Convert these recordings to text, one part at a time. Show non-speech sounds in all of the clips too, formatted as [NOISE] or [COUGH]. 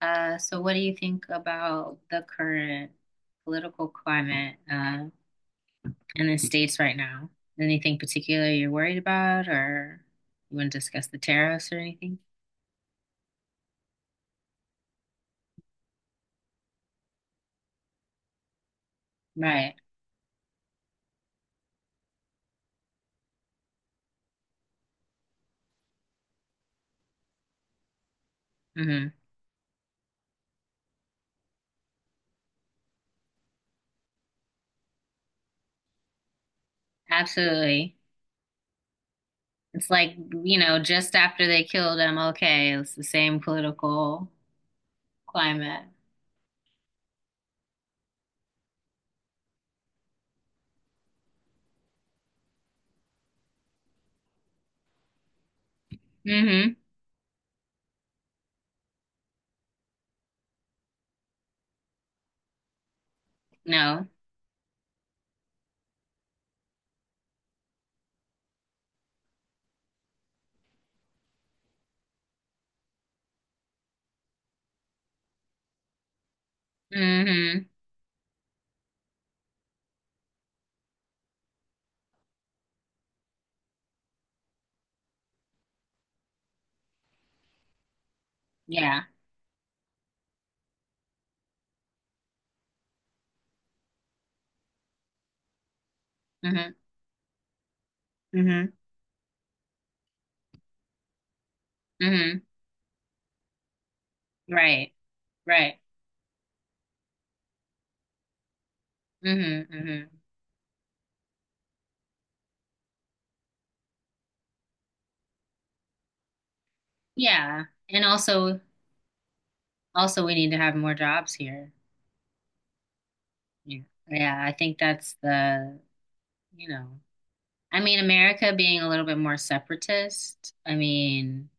So what do you think about the current political climate in the States right now? Anything particular you're worried about, or you want to discuss the tariffs or anything? Right. Hmm. Absolutely. It's like, just after they killed MLK, it's the same political climate. Hmm. No. Hmm. Yeah. Hmm. Hmm. Hmm. Right. Right. Hmm. Hmm. Yeah. And also, Also, we need to have more jobs here. Yeah. Yeah, I think that's the, you know, I mean, America being a little bit more separatist, I mean,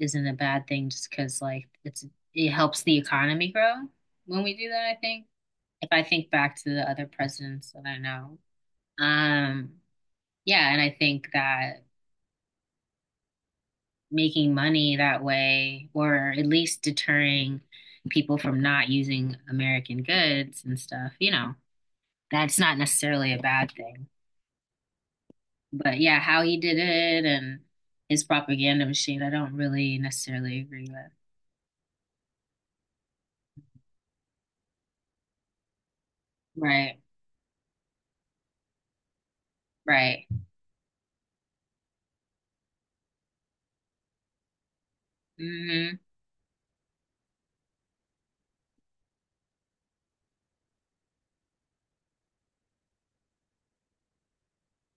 isn't a bad thing just because, like, it helps the economy grow when we do that, I think. If I think back to the other presidents that I know. Um, yeah, and I think that making money that way, or at least deterring people from not using American goods and stuff. That's not necessarily a bad thing. But yeah, how he did it and his propaganda machine, I don't really necessarily agree with. Right, right. Mm-hmm.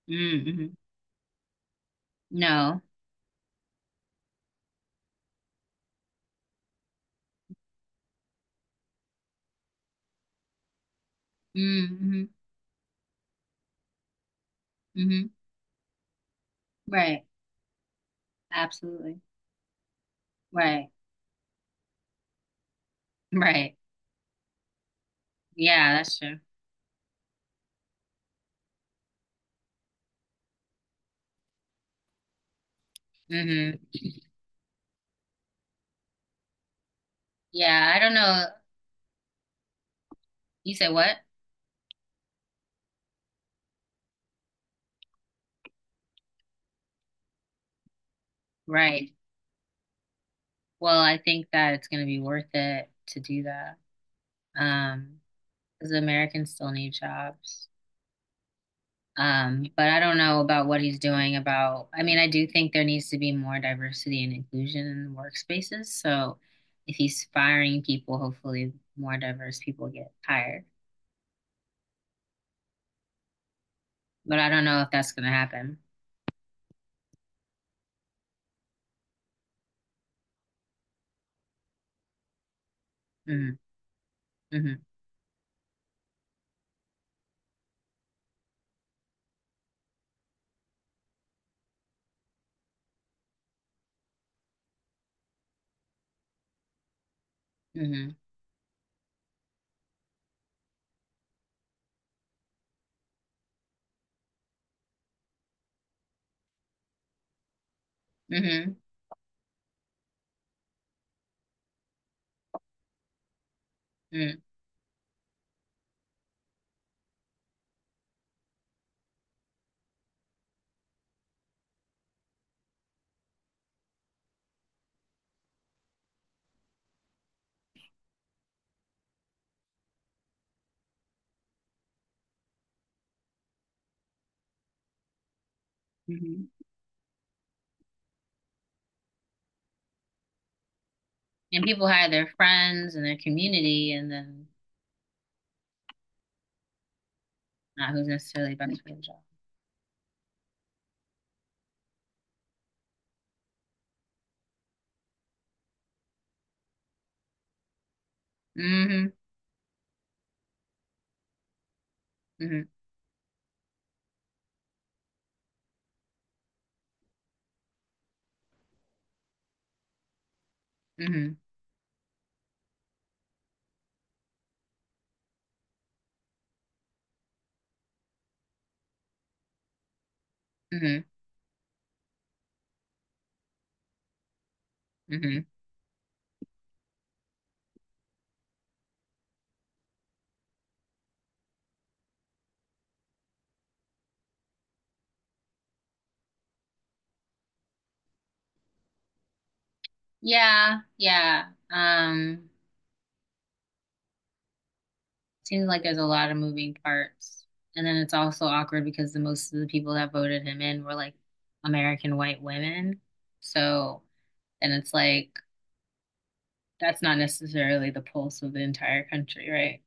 Mm-hmm. No. Mm-hmm. Mm-hmm. Right. Absolutely. Right. Right. Yeah, that's true. Mm-hmm. Yeah, I don't know. You said what? Right. Well, I think that it's going to be worth it to do that. Um, because Americans still need jobs. But I don't know about what he's doing about, I mean, I do think there needs to be more diversity and inclusion in workspaces. So if he's firing people, hopefully more diverse people get hired. But I don't know if that's going to happen. Hmm. Hmm. Hmm. Hmm. Hmm. And people hire their friends and their community and then not who's necessarily best for the job. Hmm. Hmm. Hmm. Hmm. Hmm. Yeah, yeah. Seems like there's a lot of moving parts. And then it's also awkward because the most of the people that voted him in were like American white women. So, and it's like that's not necessarily the pulse of the entire country, right?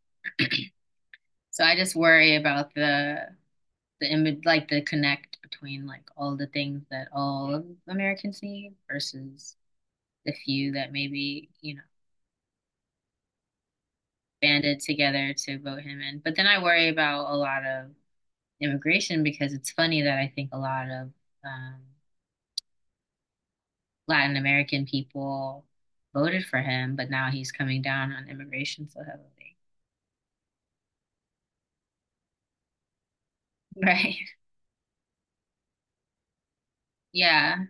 So I just worry about the image, like the connect between like all the things that all of Americans need versus the few that maybe, banded together to vote him in. But then I worry about a lot of immigration because it's funny that I think a lot of um, Latin American people voted for him, but now he's coming down on immigration so heavily. [LAUGHS] Right. Yeah.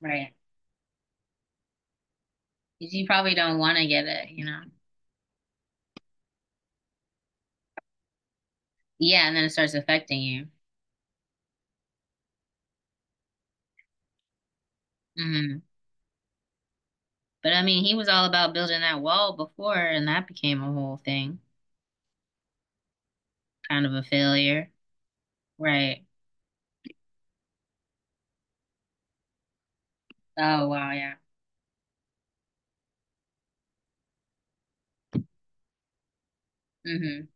Right. 'Cause you probably don't want to get it, you know? Yeah. And then it starts affecting you. Hmm. But I mean, he was all about building that wall before, and that became a whole thing, kind of a failure. Right. Oh, wow. Yeah. Hmm.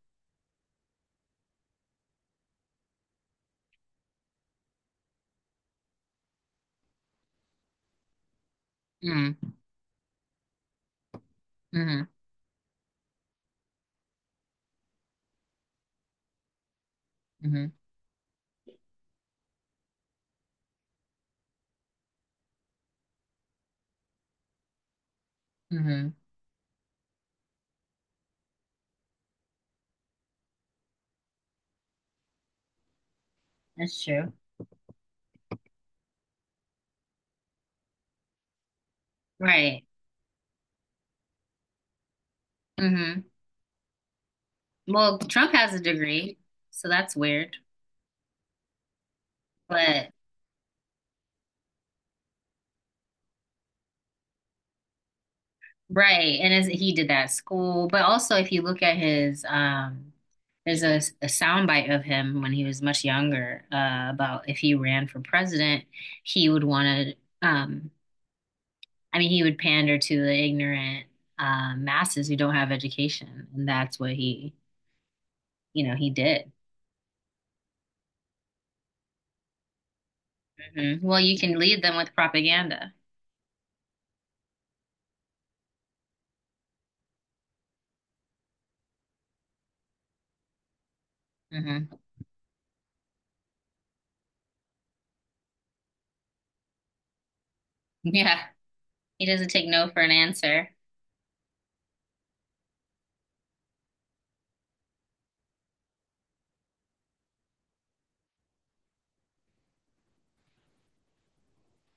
Mm-hmm. Mm-hmm. Mm-hmm. Mm-hmm. That's true. Right. Hmm. Well, Trump has a degree, so that's weird. But right, and as he did that school, but also if you look at his there's a soundbite of him when he was much younger about if he ran for president, he would want to I mean he would pander to the ignorant masses who don't have education, and that's what he did. Hmm. Well, you can lead them with propaganda. Hmm. [LAUGHS] Yeah, he doesn't take no for an answer.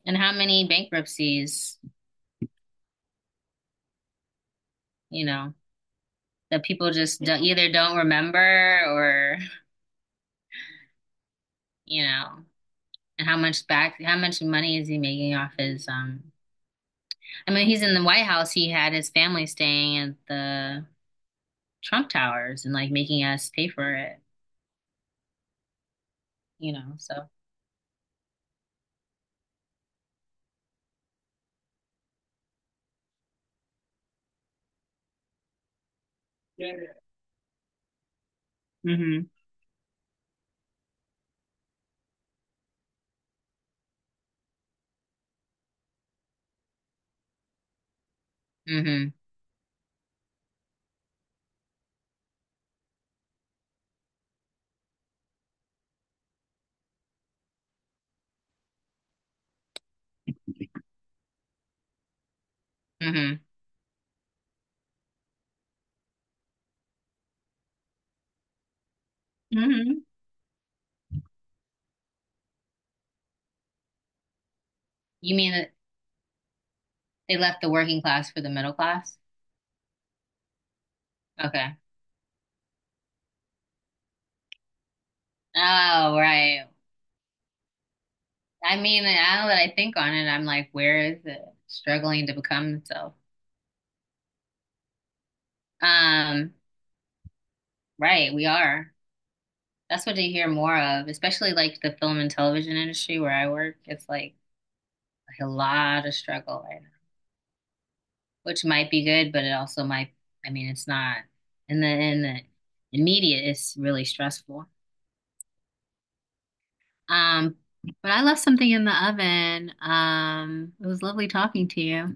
And how many bankruptcies, you know, that people just don't, either don't remember or, you know, and how much money is he making off his, I mean, he's in the White House. He had his family staying at the Trump Towers and like making us pay for it, so. Yeah. Mm-hmm. Mm-hmm. Mm-hmm. Mm-hmm. You mean that they left the working class for the middle class? Okay. Oh, right. I mean, now that I think on it, I'm like, where is it struggling to become itself? Um, right, we are. That's what they hear more of, especially like the film and television industry where I work. It's like a lot of struggle right now, which might be good, but it also might, I mean, it's not. And then in media, it's really stressful. Um, but I left something in the oven. It was lovely talking to you.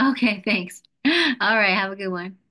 Okay, thanks. [LAUGHS] All right, have a good one.